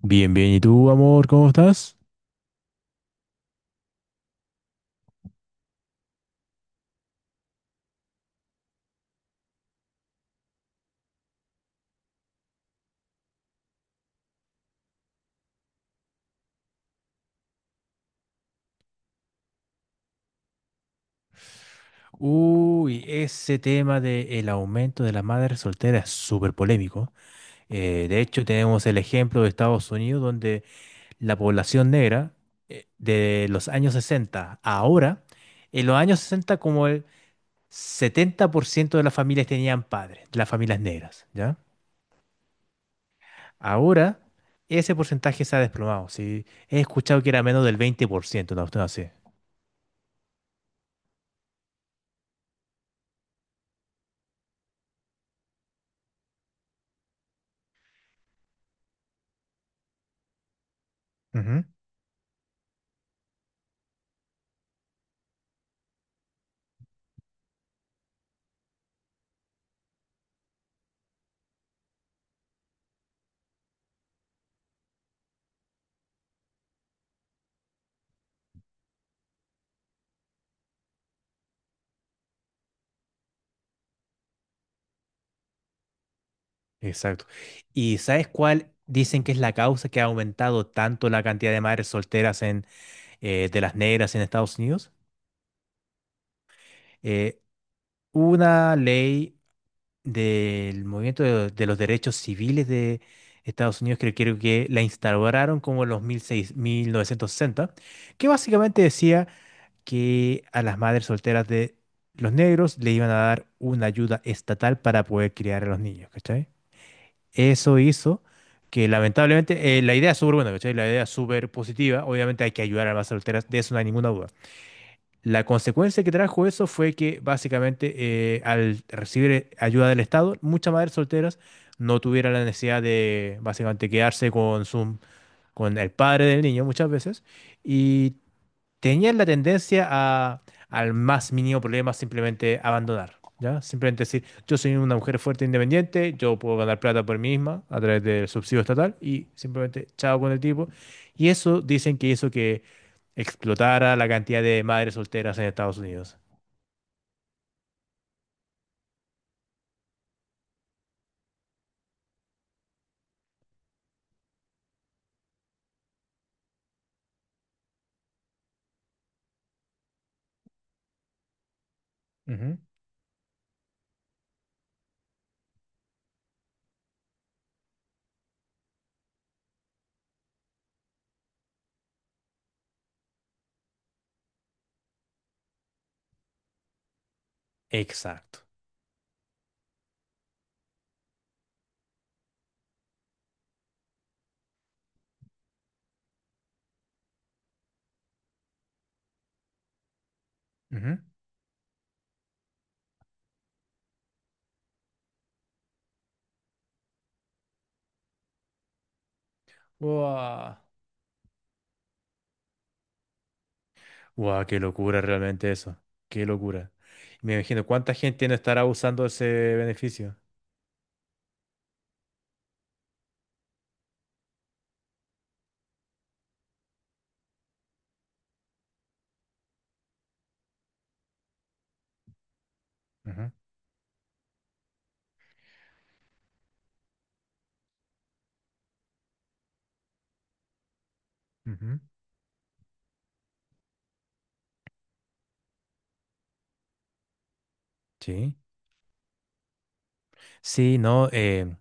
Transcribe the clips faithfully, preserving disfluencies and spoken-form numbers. Bien, bien. ¿Y tú, amor, cómo estás? Uy, ese tema del aumento de la madre soltera es súper polémico. Eh, de hecho, tenemos el ejemplo de Estados Unidos, donde la población negra eh, de los años sesenta a ahora, en los años sesenta como el setenta por ciento de las familias tenían padres, de las familias negras, ¿ya? Ahora ese porcentaje se ha desplomado, ¿sí? He escuchado que era menos del veinte por ciento, una cuestión así. Ujú. Exacto. ¿Y sabes cuál dicen que es la causa que ha aumentado tanto la cantidad de madres solteras en, eh, de las negras en Estados Unidos? Eh, una ley del movimiento de, de los derechos civiles de Estados Unidos, que creo que la instauraron como en los mil mil seis mil novecientos sesenta, que básicamente decía que a las madres solteras de los negros le iban a dar una ayuda estatal para poder criar a los niños, ¿cachai? Eso hizo que lamentablemente, eh, la idea es súper buena, ¿cachai? La idea es súper positiva, obviamente hay que ayudar a las madres solteras, de eso no hay ninguna duda. La consecuencia que trajo eso fue que básicamente eh, al recibir eh, ayuda del Estado, muchas madres solteras no tuvieran la necesidad de básicamente quedarse con su, con el padre del niño muchas veces, y tenían la tendencia a, al más mínimo problema, simplemente abandonar, ¿ya? Simplemente decir, yo soy una mujer fuerte e independiente, yo puedo ganar plata por mí misma a través del subsidio estatal y simplemente chao con el tipo. Y eso dicen que hizo que explotara la cantidad de madres solteras en Estados Unidos. Ujú. Exacto. Ujú. Guau. Guau, qué locura realmente eso. Qué locura. Me imagino cuánta gente no estará usando ese beneficio. Ujú, ujú. Sí. Sí, no. eh,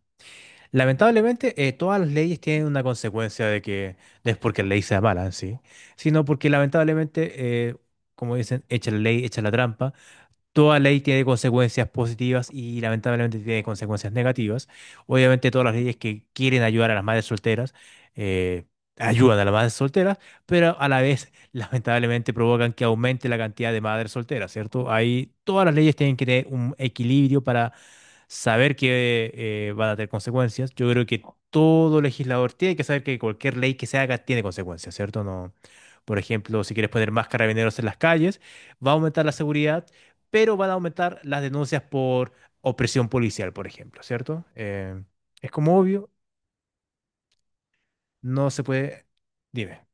lamentablemente, eh, todas las leyes tienen una consecuencia de que no es porque la ley sea mala en sí, sino porque lamentablemente, eh, como dicen, echa la ley, echa la trampa. Toda ley tiene consecuencias positivas y lamentablemente tiene consecuencias negativas. Obviamente todas las leyes que quieren ayudar a las madres solteras eh, ayudan a las madres solteras, pero a la vez lamentablemente provocan que aumente la cantidad de madres solteras, ¿cierto? Ahí todas las leyes tienen que tener un equilibrio para saber que eh, van a tener consecuencias. Yo creo que todo legislador tiene que saber que cualquier ley que se haga tiene consecuencias, ¿cierto? No, por ejemplo, si quieres poner más carabineros en las calles, va a aumentar la seguridad, pero van a aumentar las denuncias por opresión policial, por ejemplo, ¿cierto? Eh, es como obvio, no se puede... Dime.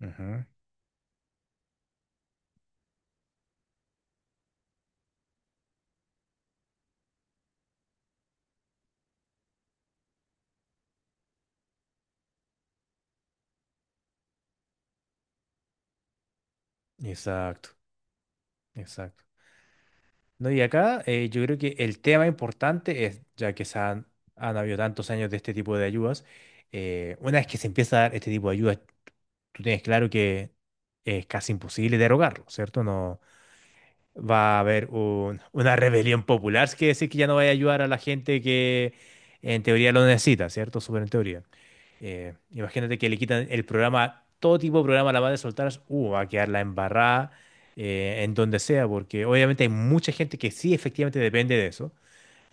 Ujú. Exacto, exacto. No, y acá eh, yo creo que el tema importante es, ya que se han, han habido tantos años de este tipo de ayudas, eh, una vez que se empieza a dar este tipo de ayudas, tú tienes claro que es casi imposible derogarlo, ¿cierto? No, va a haber un- una rebelión popular, es que decir que ya no va a ayudar a la gente que en teoría lo necesita, ¿cierto? Súper en teoría. Eh, imagínate que le quitan el programa, todo tipo de programa a la madre soltera, uh, va a quedar la embarrada eh, en donde sea, porque obviamente hay mucha gente que sí efectivamente depende de eso.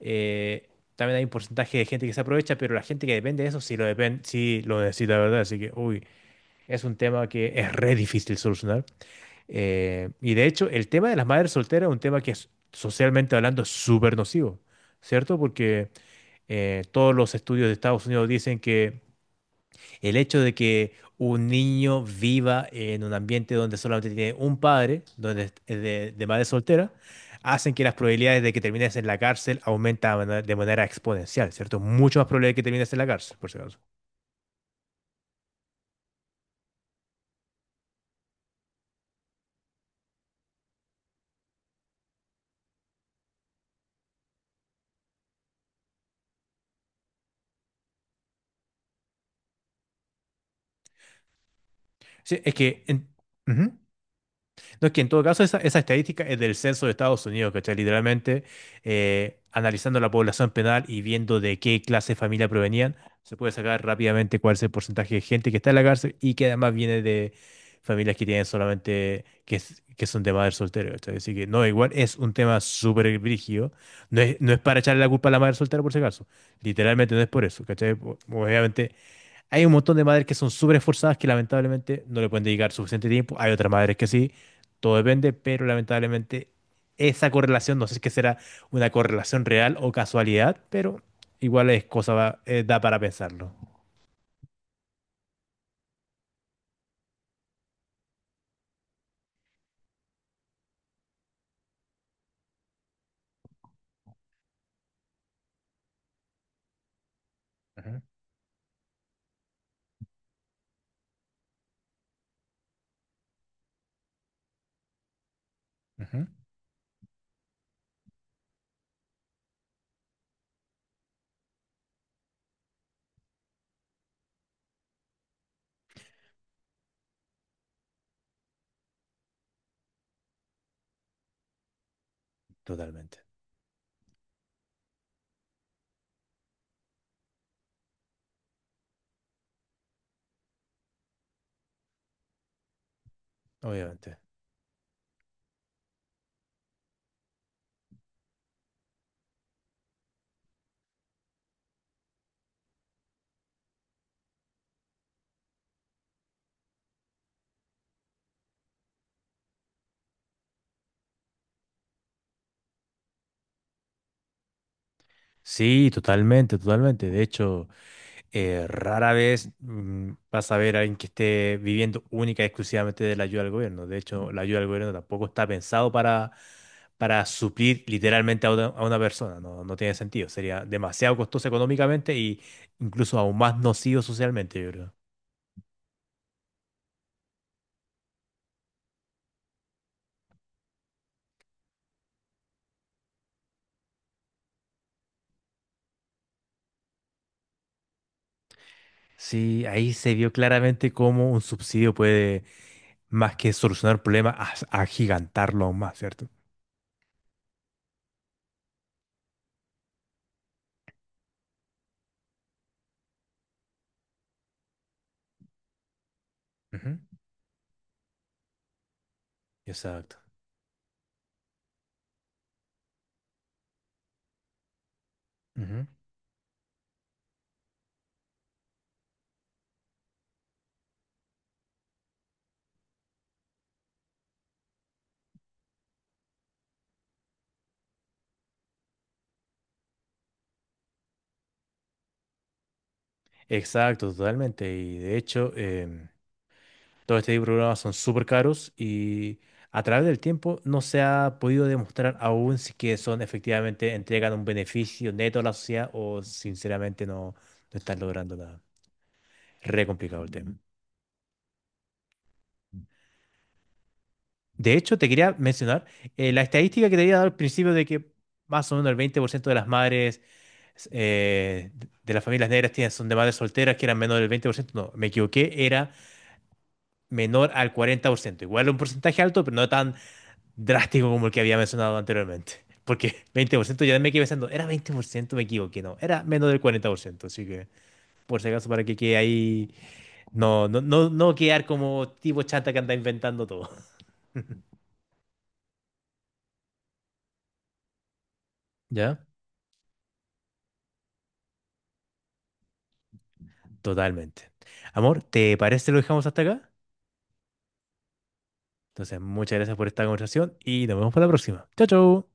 Eh, También hay un porcentaje de gente que se aprovecha, pero la gente que depende de eso sí lo, depen- sí lo necesita, ¿verdad? Así que, uy, es un tema que es re difícil solucionar. Eh, y de hecho, el tema de las madres solteras es un tema que es, socialmente hablando, es súper nocivo, ¿cierto? Porque eh, todos los estudios de Estados Unidos dicen que el hecho de que un niño viva en un ambiente donde solamente tiene un padre, donde es es de, de, madre soltera, hacen que las probabilidades de que termines en la cárcel aumentan de manera de manera exponencial, ¿cierto? Mucho más probable que termines en la cárcel, por si acaso. Sí, es que en, ujú. No, es que en todo caso esa, esa estadística es del censo de Estados Unidos, ¿cachai? Literalmente eh, analizando la población penal y viendo de qué clase de familia provenían, se puede sacar rápidamente cuál es el porcentaje de gente que está en la cárcel y que además viene de familias que tienen solamente, que, es- que son de madre soltera, ¿cachai? Así que no, igual es un tema súper brígido. No es, no es para echarle la culpa a la madre soltera, por si acaso. Literalmente no es por eso, ¿cachai? Obviamente hay un montón de madres que son súper esforzadas que lamentablemente no le pueden dedicar suficiente tiempo. Hay otras madres que sí, todo depende, pero lamentablemente esa correlación, no sé si es que será una correlación real o casualidad, pero igual es cosa, va- eh, da para pensarlo. Ujú, ujú. Totalmente, obviamente. Sí, totalmente, totalmente. De hecho, eh, rara vez mm, vas a ver a alguien que esté viviendo única y exclusivamente de la ayuda del gobierno. De hecho, la ayuda del gobierno tampoco está pensado para, para suplir literalmente a una, a una persona. No, no tiene sentido. Sería demasiado costoso económicamente y incluso aún más nocivo socialmente, yo creo. Sí, ahí se vio claramente cómo un subsidio puede, más que solucionar problemas, as- agigantarlo aún más, ¿cierto? Ujú. Exacto. Ujú. Exacto, totalmente. Y de hecho, em, todo este tipo de programas son súper caros y a través del tiempo no se ha podido demostrar aún si que son efectivamente entregan un beneficio neto a la sociedad o sinceramente no, no están logrando nada. Re complicado el tema. De hecho, te quería mencionar eh, la estadística que te había dado al principio de que más o menos el veinte por ciento de las madres eh, de las familias negras tienen, son de madres solteras, que eran menor del veinte por ciento. No, me equivoqué, era menor al cuarenta por ciento. Igual un porcentaje alto, pero no tan drástico como el que había mencionado anteriormente. Porque veinte por ciento ya me quedé pensando, era veinte por ciento, me equivoqué, no, era menos del cuarenta por ciento, así que por si acaso, para que quede ahí, no, no, no, no quedar como tipo chata que anda inventando todo. ¿Ya? Totalmente. Amor, ¿te parece si lo dejamos hasta acá? Entonces, muchas gracias por esta conversación y nos vemos para la próxima. Chao, chao.